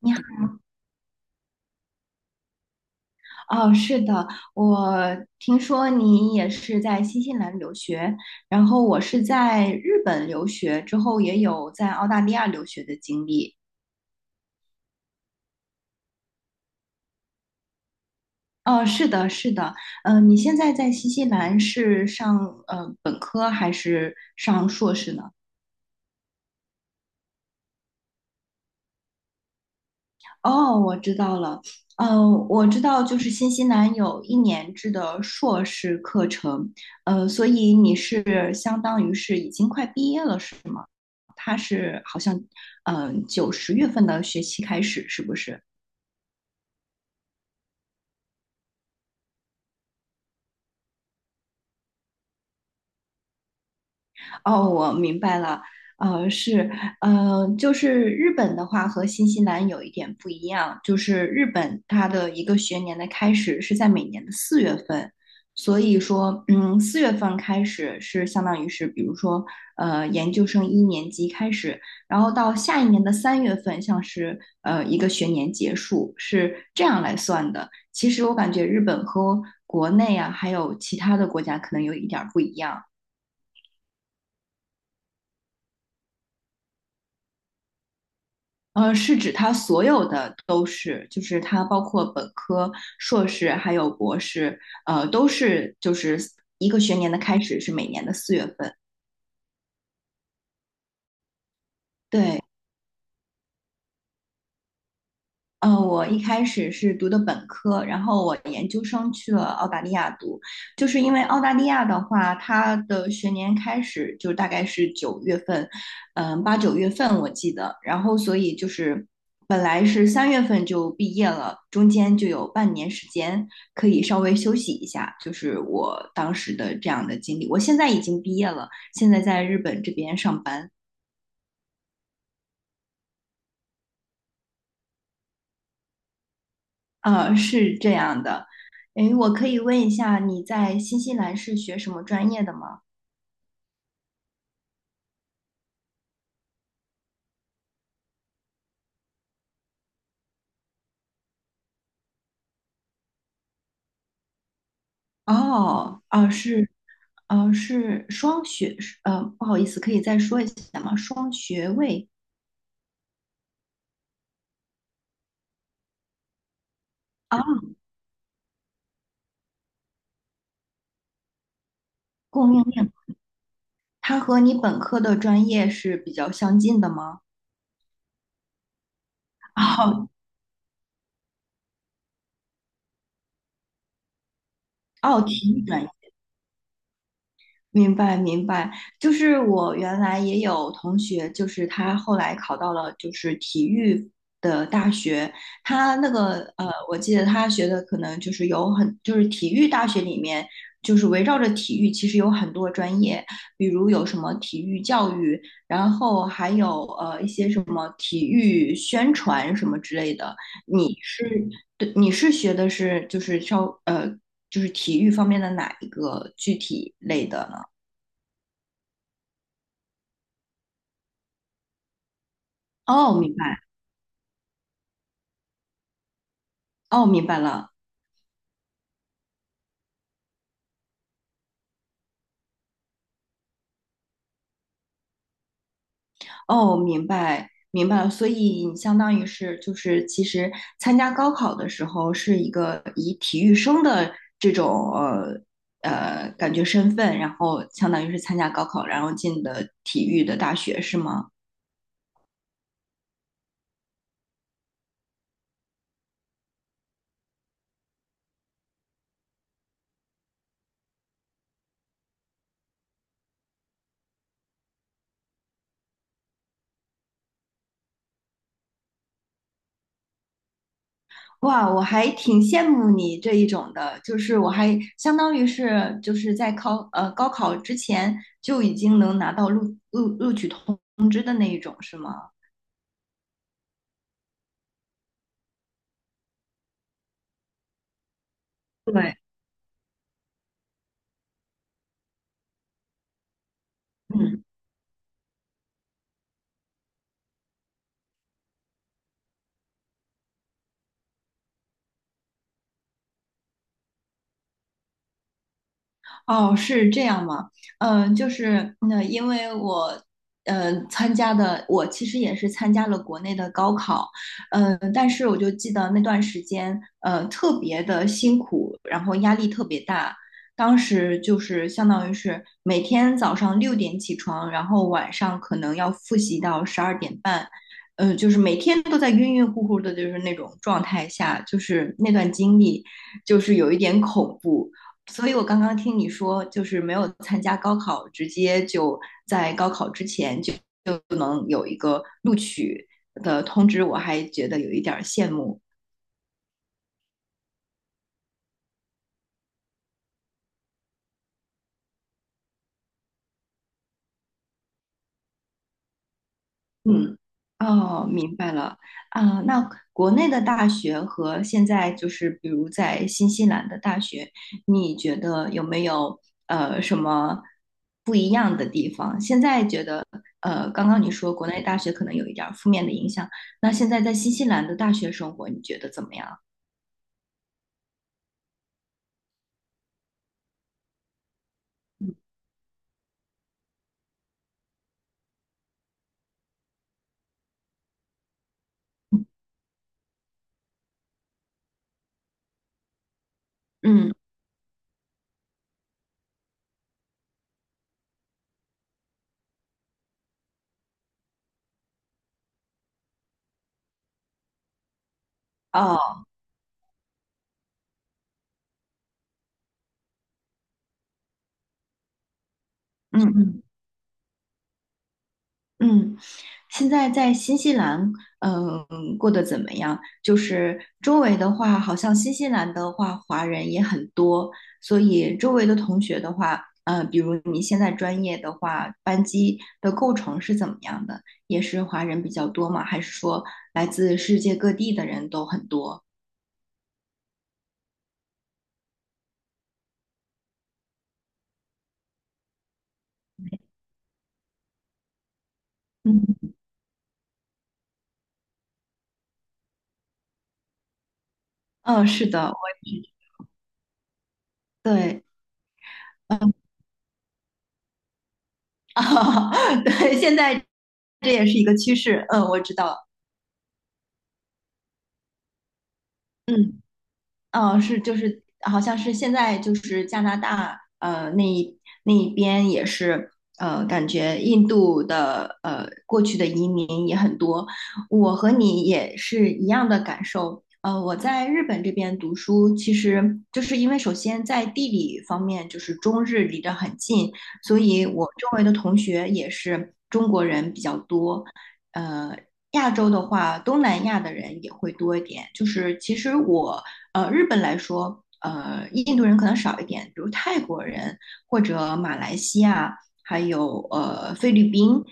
你好。哦，是的，我听说你也是在新西兰留学，然后我是在日本留学，之后也有在澳大利亚留学的经历。哦，是的，是的。你现在在新西兰是上本科还是上硕士呢？哦，我知道了。我知道，就是新西兰有一年制的硕士课程。所以你是相当于是已经快毕业了，是吗？他是好像，九十月份的学期开始，是不是？哦，我明白了。是。就是日本的话和新西兰有一点不一样，就是日本它的一个学年的开始是在每年的四月份，所以说，四月份开始是相当于是，比如说，研究生一年级开始，然后到下一年的三月份，像是一个学年结束，是这样来算的。其实我感觉日本和国内啊，还有其他的国家可能有一点儿不一样。是指它所有的都是，就是它包括本科、硕士还有博士，都是就是一个学年的开始是每年的四月份。对。我一开始是读的本科，然后我研究生去了澳大利亚读，就是因为澳大利亚的话，它的学年开始就大概是九月份。八九月份我记得，然后所以就是本来是三月份就毕业了，中间就有半年时间可以稍微休息一下，就是我当时的这样的经历。我现在已经毕业了，现在在日本这边上班。是这样的。诶，我可以问一下，你在新西兰是学什么专业的吗？哦，是。是双学，是不好意思，可以再说一下吗？双学位啊，供应链，它和你本科的专业是比较相近的吗？哦，哦，体育专业。明白明白，就是我原来也有同学，就是他后来考到了就是体育的大学，他那个我记得他学的可能就是有很就是体育大学里面就是围绕着体育，其实有很多专业，比如有什么体育教育，然后还有一些什么体育宣传什么之类的。你是对你是学的是就是就是体育方面的哪一个具体类的呢？哦，明白。哦，明白了。哦，明白，明白了。所以你相当于是就是，其实参加高考的时候是一个以体育生的这种感觉身份，然后相当于是参加高考，然后进的体育的大学，是吗？哇，我还挺羡慕你这一种的，就是我还相当于是就是在考高考之前就已经能拿到录取通知的那一种，是吗？对。嗯。哦，是这样吗？就是那、因为我，参加的我其实也是参加了国内的高考。但是我就记得那段时间，特别的辛苦，然后压力特别大。当时就是相当于是每天早上六点起床，然后晚上可能要复习到十二点半。就是每天都在晕晕乎乎的，就是那种状态下，就是那段经历，就是有一点恐怖。所以我刚刚听你说，就是没有参加高考，直接就在高考之前就就能有一个录取的通知，我还觉得有一点羡慕。嗯。哦，明白了。啊，那国内的大学和现在就是，比如在新西兰的大学，你觉得有没有什么不一样的地方？现在觉得刚刚你说国内大学可能有一点儿负面的影响，那现在在新西兰的大学生活，你觉得怎么样？嗯。嗯哦。嗯嗯嗯,现在在新西兰，过得怎么样？就是周围的话，好像新西兰的话，华人也很多，所以周围的同学的话，比如你现在专业的话，班级的构成是怎么样的？也是华人比较多吗？还是说来自世界各地的人都很多？嗯。嗯，是的，我也是。对。嗯。啊，对，现在这也是一个趋势，我知道。嗯。是就是好像是现在就是加拿大那一边也是感觉印度的过去的移民也很多，我和你也是一样的感受。我在日本这边读书，其实就是因为首先在地理方面就是中日离得很近，所以我周围的同学也是中国人比较多。呃，亚洲的话，东南亚的人也会多一点。就是其实我日本来说，印度人可能少一点，比如泰国人或者马来西亚，还有菲律宾。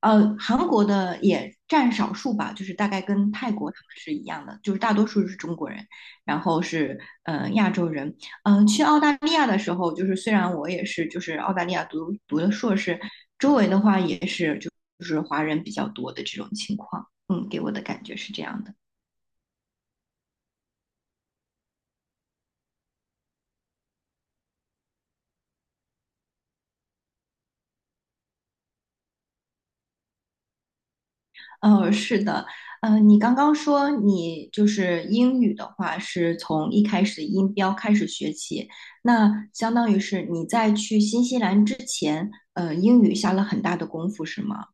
韩国的也占少数吧，就是大概跟泰国他们是一样的，就是大多数是中国人，然后是亚洲人。去澳大利亚的时候，就是虽然我也是就是澳大利亚读的硕士，周围的话也是就是华人比较多的这种情况，给我的感觉是这样的。是的。你刚刚说你就是英语的话，是从一开始的音标开始学起，那相当于是你在去新西兰之前，英语下了很大的功夫，是吗？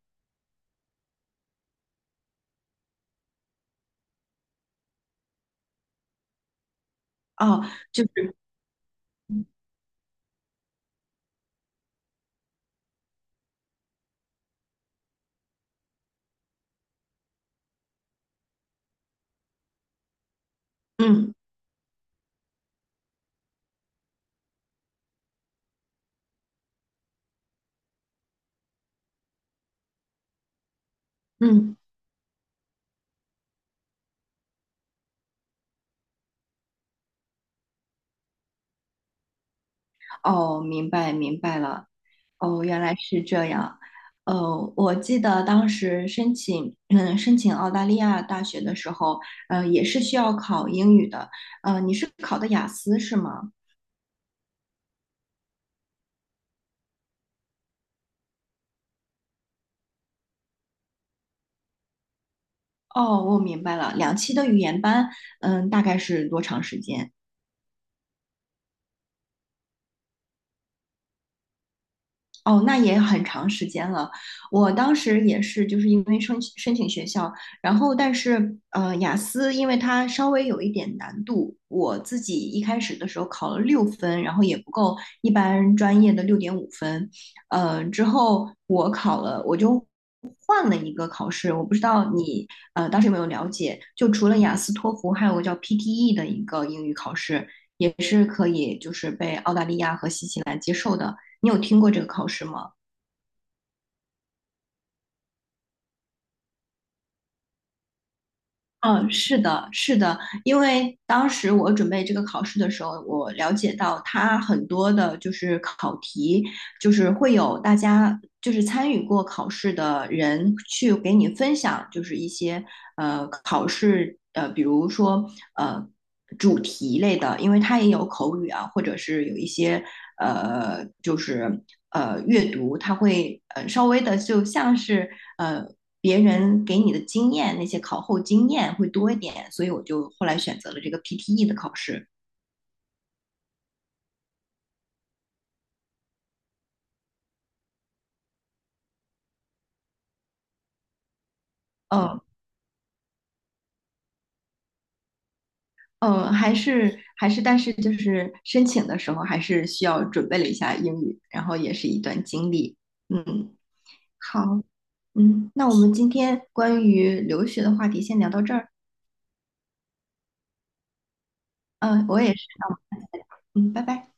哦，就是，嗯嗯,哦，明白明白了。哦，原来是这样。我记得当时申请，申请澳大利亚大学的时候，也是需要考英语的。你是考的雅思是吗？哦，我明白了，两期的语言班，大概是多长时间？哦，那也很长时间了。我当时也是，就是因为申请学校，然后但是雅思因为它稍微有一点难度，我自己一开始的时候考了六分，然后也不够一般专业的六点五分。之后我考了，我就换了一个考试，我不知道你当时有没有了解，就除了雅思、托福，还有个叫 PTE 的一个英语考试，也是可以就是被澳大利亚和新西兰接受的。你有听过这个考试吗？嗯，是的，是的，因为当时我准备这个考试的时候，我了解到它很多的就是考题，就是会有大家就是参与过考试的人去给你分享，就是一些考试比如说呃主题类的，因为它也有口语啊，或者是有一些就是阅读，它会稍微的就像是呃。别人给你的经验，那些考后经验会多一点，所以我就后来选择了这个 PTE 的考试。嗯。嗯，还是,但是就是申请的时候还是需要准备了一下英语，然后也是一段经历。嗯，好。那我们今天关于留学的话题先聊到这儿。嗯，我也是。嗯，拜拜。